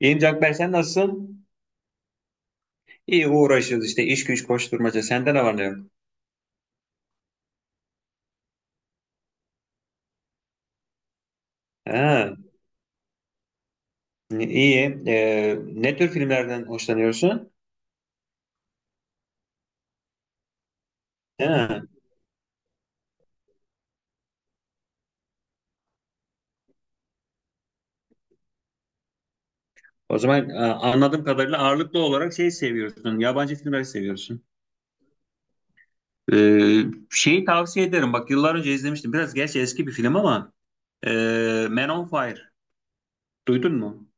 İyiyim Canberk, sen nasılsın? İyi, uğraşıyoruz işte, iş güç koşturmaca. Sende ne var ne yok? Ha, iyi. Ne tür filmlerden hoşlanıyorsun? Ha, O zaman anladığım kadarıyla ağırlıklı olarak şey seviyorsun. Yabancı filmleri seviyorsun. Ee, Şeyi tavsiye ederim. Bak, yıllar önce izlemiştim. Biraz gerçi eski bir film ama e, Man on Fire. Duydun mu?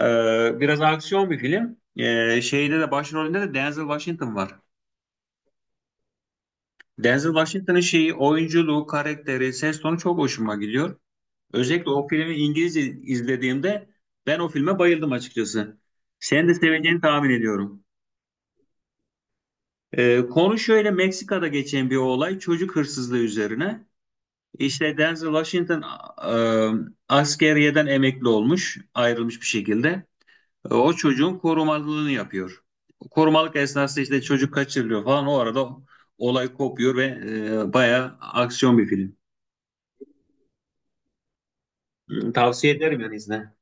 Biraz aksiyon bir film. Şeyde de başrolünde de Denzel Washington var. Denzel Washington'ın şeyi, oyunculuğu, karakteri, ses tonu çok hoşuma gidiyor. Özellikle o filmi İngilizce izlediğimde ben o filme bayıldım açıkçası. Sen de seveceğini tahmin ediyorum. Konu şöyle, Meksika'da geçen bir olay, çocuk hırsızlığı üzerine. İşte Denzel Washington askeriyeden emekli olmuş, ayrılmış bir şekilde. O çocuğun korumalılığını yapıyor. Korumalık esnasında işte çocuk kaçırılıyor falan. O arada olay kopuyor ve bayağı aksiyon bir film. Hı, tavsiye ederim yani, izle.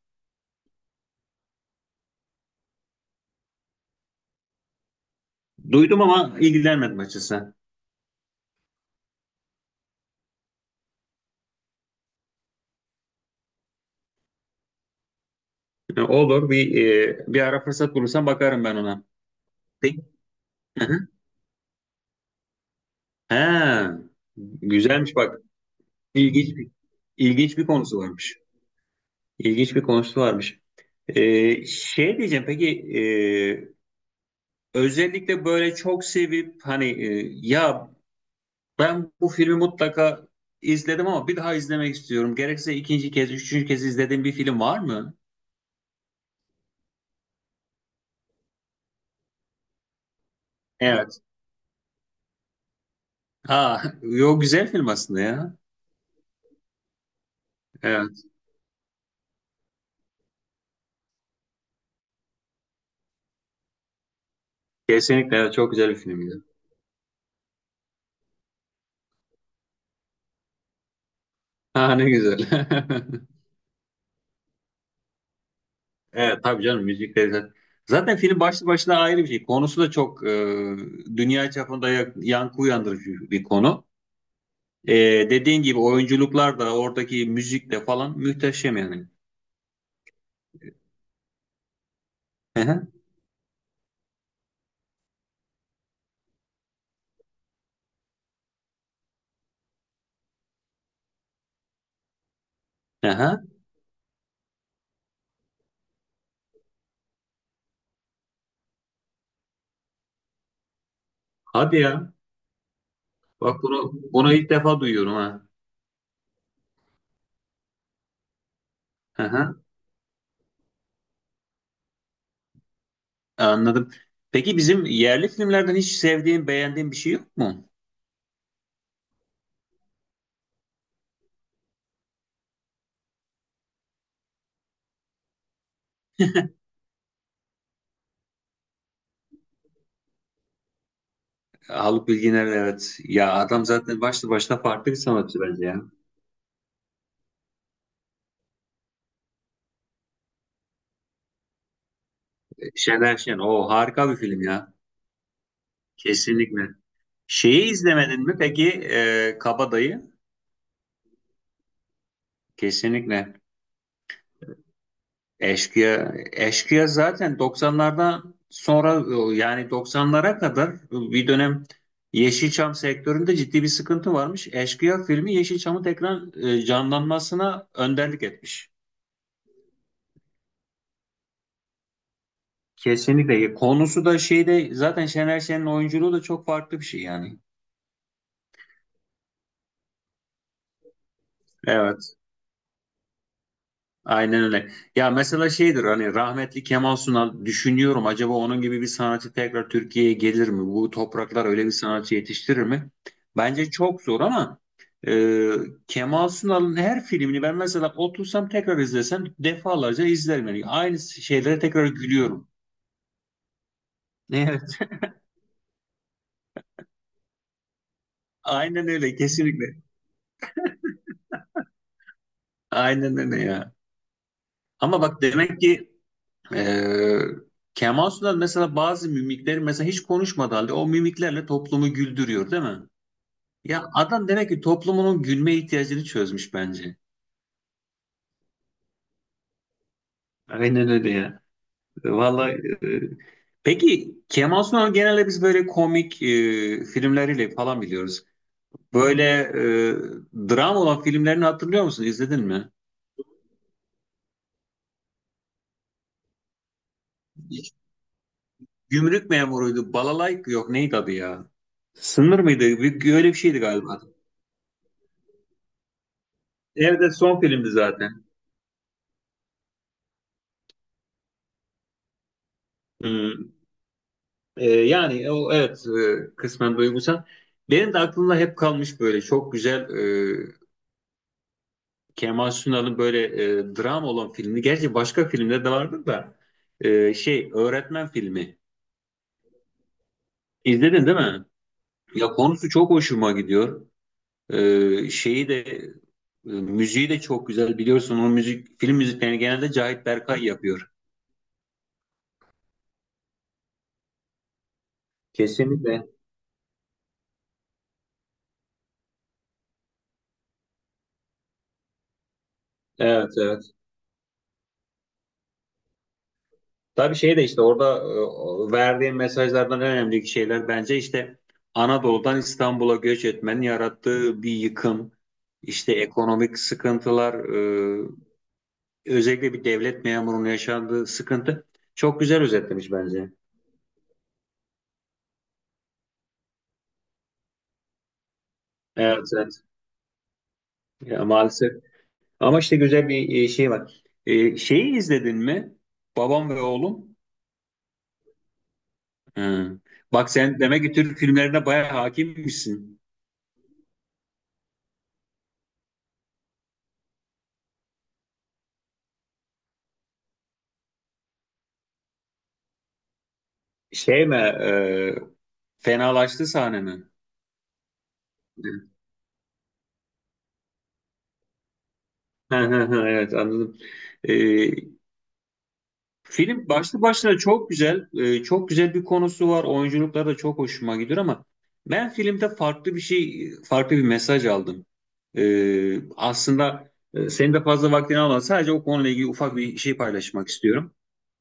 Duydum ama ilgilenmedim açıkçası. Olur, bir ara fırsat bulursam bakarım ben ona. Peki. Hı hı. Ha, güzelmiş bak. İlginç bir ilginç bir konusu varmış. İlginç bir konusu varmış. Şey diyeceğim, peki e, özellikle böyle çok sevip hani ben bu filmi mutlaka izledim ama bir daha izlemek istiyorum. Gerekse ikinci kez, üçüncü kez izlediğim bir film var mı? Evet. Ha, yo, güzel film aslında ya. Evet. Kesinlikle evet, çok güzel bir filmdi. Ha, ne güzel. Evet tabii canım, müzik de zaten, zaten film başlı başına ayrı bir şey. Konusu da çok dünya çapında yankı uyandırıcı bir konu. E, Dediğin gibi oyunculuklar da oradaki müzik de falan muhteşem yani. Hı hı, hı hı. Hadi ya. Bak, bunu ilk defa duyuyorum ha. Hı hı, anladım. Peki bizim yerli filmlerden hiç sevdiğin, beğendiğin bir şey yok mu? Haluk Bilginer, evet. Ya adam zaten başlı başına farklı bir sanatçı bence ya. Şener Şen. O harika bir film ya. Kesinlikle. Şeyi izlemedin mi peki, Kabadayı? Kesinlikle. Eşkıya, Eşkıya zaten 90'lardan sonra, yani 90'lara kadar bir dönem Yeşilçam sektöründe ciddi bir sıkıntı varmış. Eşkıya filmi Yeşilçam'ın tekrar canlanmasına önderlik etmiş. Kesinlikle. Konusu da şeyde, zaten Şener Şen'in oyunculuğu da çok farklı bir şey yani. Evet. Aynen öyle. Ya mesela şeydir hani, rahmetli Kemal Sunal, düşünüyorum acaba onun gibi bir sanatçı tekrar Türkiye'ye gelir mi? Bu topraklar öyle bir sanatçı yetiştirir mi? Bence çok zor ama e, Kemal Sunal'ın her filmini ben mesela otursam tekrar izlesem defalarca izlerim. Yani aynı şeylere tekrar gülüyorum. Evet. Aynen öyle, kesinlikle. Aynen öyle ya. Ama bak demek ki e, Kemal Sunal mesela bazı mimikleri, mesela hiç konuşmadığı halde o mimiklerle toplumu güldürüyor değil mi? Ya adam demek ki toplumunun gülme ihtiyacını çözmüş bence. Aynen öyle ya. Vallahi e, peki Kemal Sunal genelde biz böyle komik filmleriyle falan biliyoruz. Böyle dram olan filmlerini hatırlıyor musun? İzledin mi? Gümrük memuruydu. Balalay yok, neydi adı ya? Sınır mıydı? Bir, öyle bir şeydi galiba. Evde son filmdi zaten. Hmm. Yani o, evet kısmen duygusal. Benim de aklımda hep kalmış böyle çok güzel e, Kemal Sunal'ın böyle dram olan filmi, gerçi başka filmde de vardı da şey, öğretmen filmi. İzledin değil mi? Ya konusu çok hoşuma gidiyor. Şeyi de müziği de çok güzel biliyorsun. O müzik, film müziklerini genelde Cahit Berkay yapıyor. Kesinlikle. Evet evet. Tabii şey de işte orada verdiğim mesajlardan en önemli şeyler bence işte Anadolu'dan İstanbul'a göç etmenin yarattığı bir yıkım, işte ekonomik sıkıntılar, özellikle bir devlet memurunun yaşandığı sıkıntı, çok güzel özetlemiş bence. Evet, evet. Ya, maalesef. Ama işte güzel bir şey var. Şeyi izledin mi? Babam ve Oğlum. Hı. Bak sen demek ki Türk filmlerine bayağı hakimmişsin. Şey mi? Fenalaştı sahne mi? Hı, hı, hı, evet anladım. E, Film başlı başına çok güzel, çok güzel bir konusu var. Oyunculukları da çok hoşuma gidiyor ama ben filmde farklı bir şey, farklı bir mesaj aldım. E, Aslında senin de fazla vaktini almadan sadece o konuyla ilgili ufak bir şey paylaşmak istiyorum.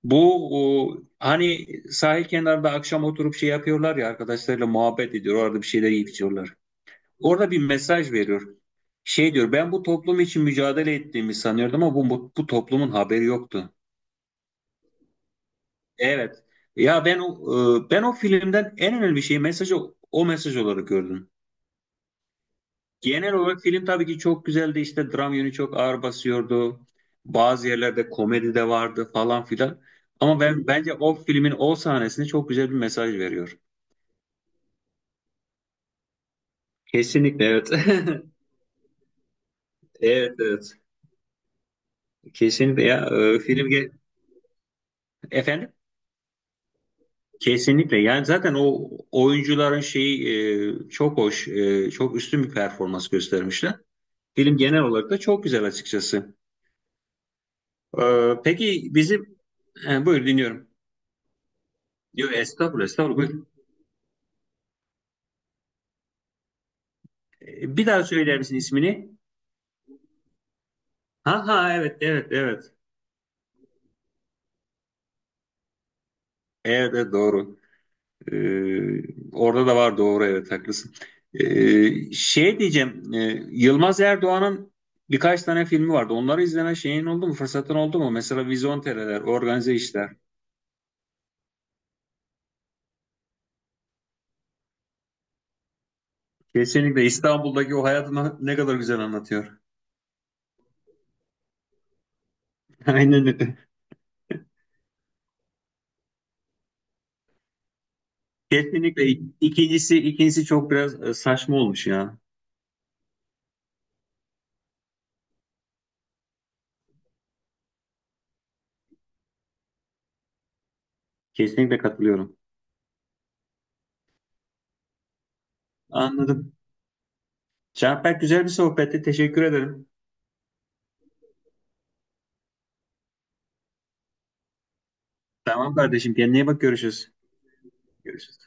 Bu o, hani sahil kenarında akşam oturup şey yapıyorlar ya, arkadaşlarıyla muhabbet ediyor, orada bir şeyler yiyip içiyorlar. Orada bir mesaj veriyor. Şey diyor, ben bu toplum için mücadele ettiğimi sanıyordum ama bu toplumun haberi yoktu. Evet. Ya ben o ben o filmden en önemli şeyi, mesajı, o mesaj olarak gördüm. Genel olarak film tabii ki çok güzeldi. İşte dram yönü çok ağır basıyordu. Bazı yerlerde komedi de vardı falan filan. Ama ben bence o filmin o sahnesinde çok güzel bir mesaj veriyor. Kesinlikle evet. Evet evet. Kesinlikle ya, efendim, kesinlikle yani zaten o oyuncuların şeyi, çok hoş, çok üstün bir performans göstermişler. Film genel olarak da çok güzel açıkçası. Peki bizim buyur, dinliyorum. Diyor estağfurullah, estağfurullah, buyur. Bir daha söyler misin ismini? Ha ha, evet evet evet. Evet, evet doğru. Orada da var, doğru, evet haklısın. Şey diyeceğim, Yılmaz Erdoğan'ın birkaç tane filmi vardı. Onları izleme şeyin oldu mu? Fırsatın oldu mu? Mesela Vizontere'ler, Organize İşler. Kesinlikle, İstanbul'daki o hayatını ne kadar güzel anlatıyor. Aynen öyle. Kesinlikle ikincisi, ikincisi çok biraz saçma olmuş ya. Kesinlikle katılıyorum. Anladım. Canberk, güzel bir sohbetti. Teşekkür ederim. Tamam kardeşim. Kendine iyi bak. Görüşürüz. Görüşürüz.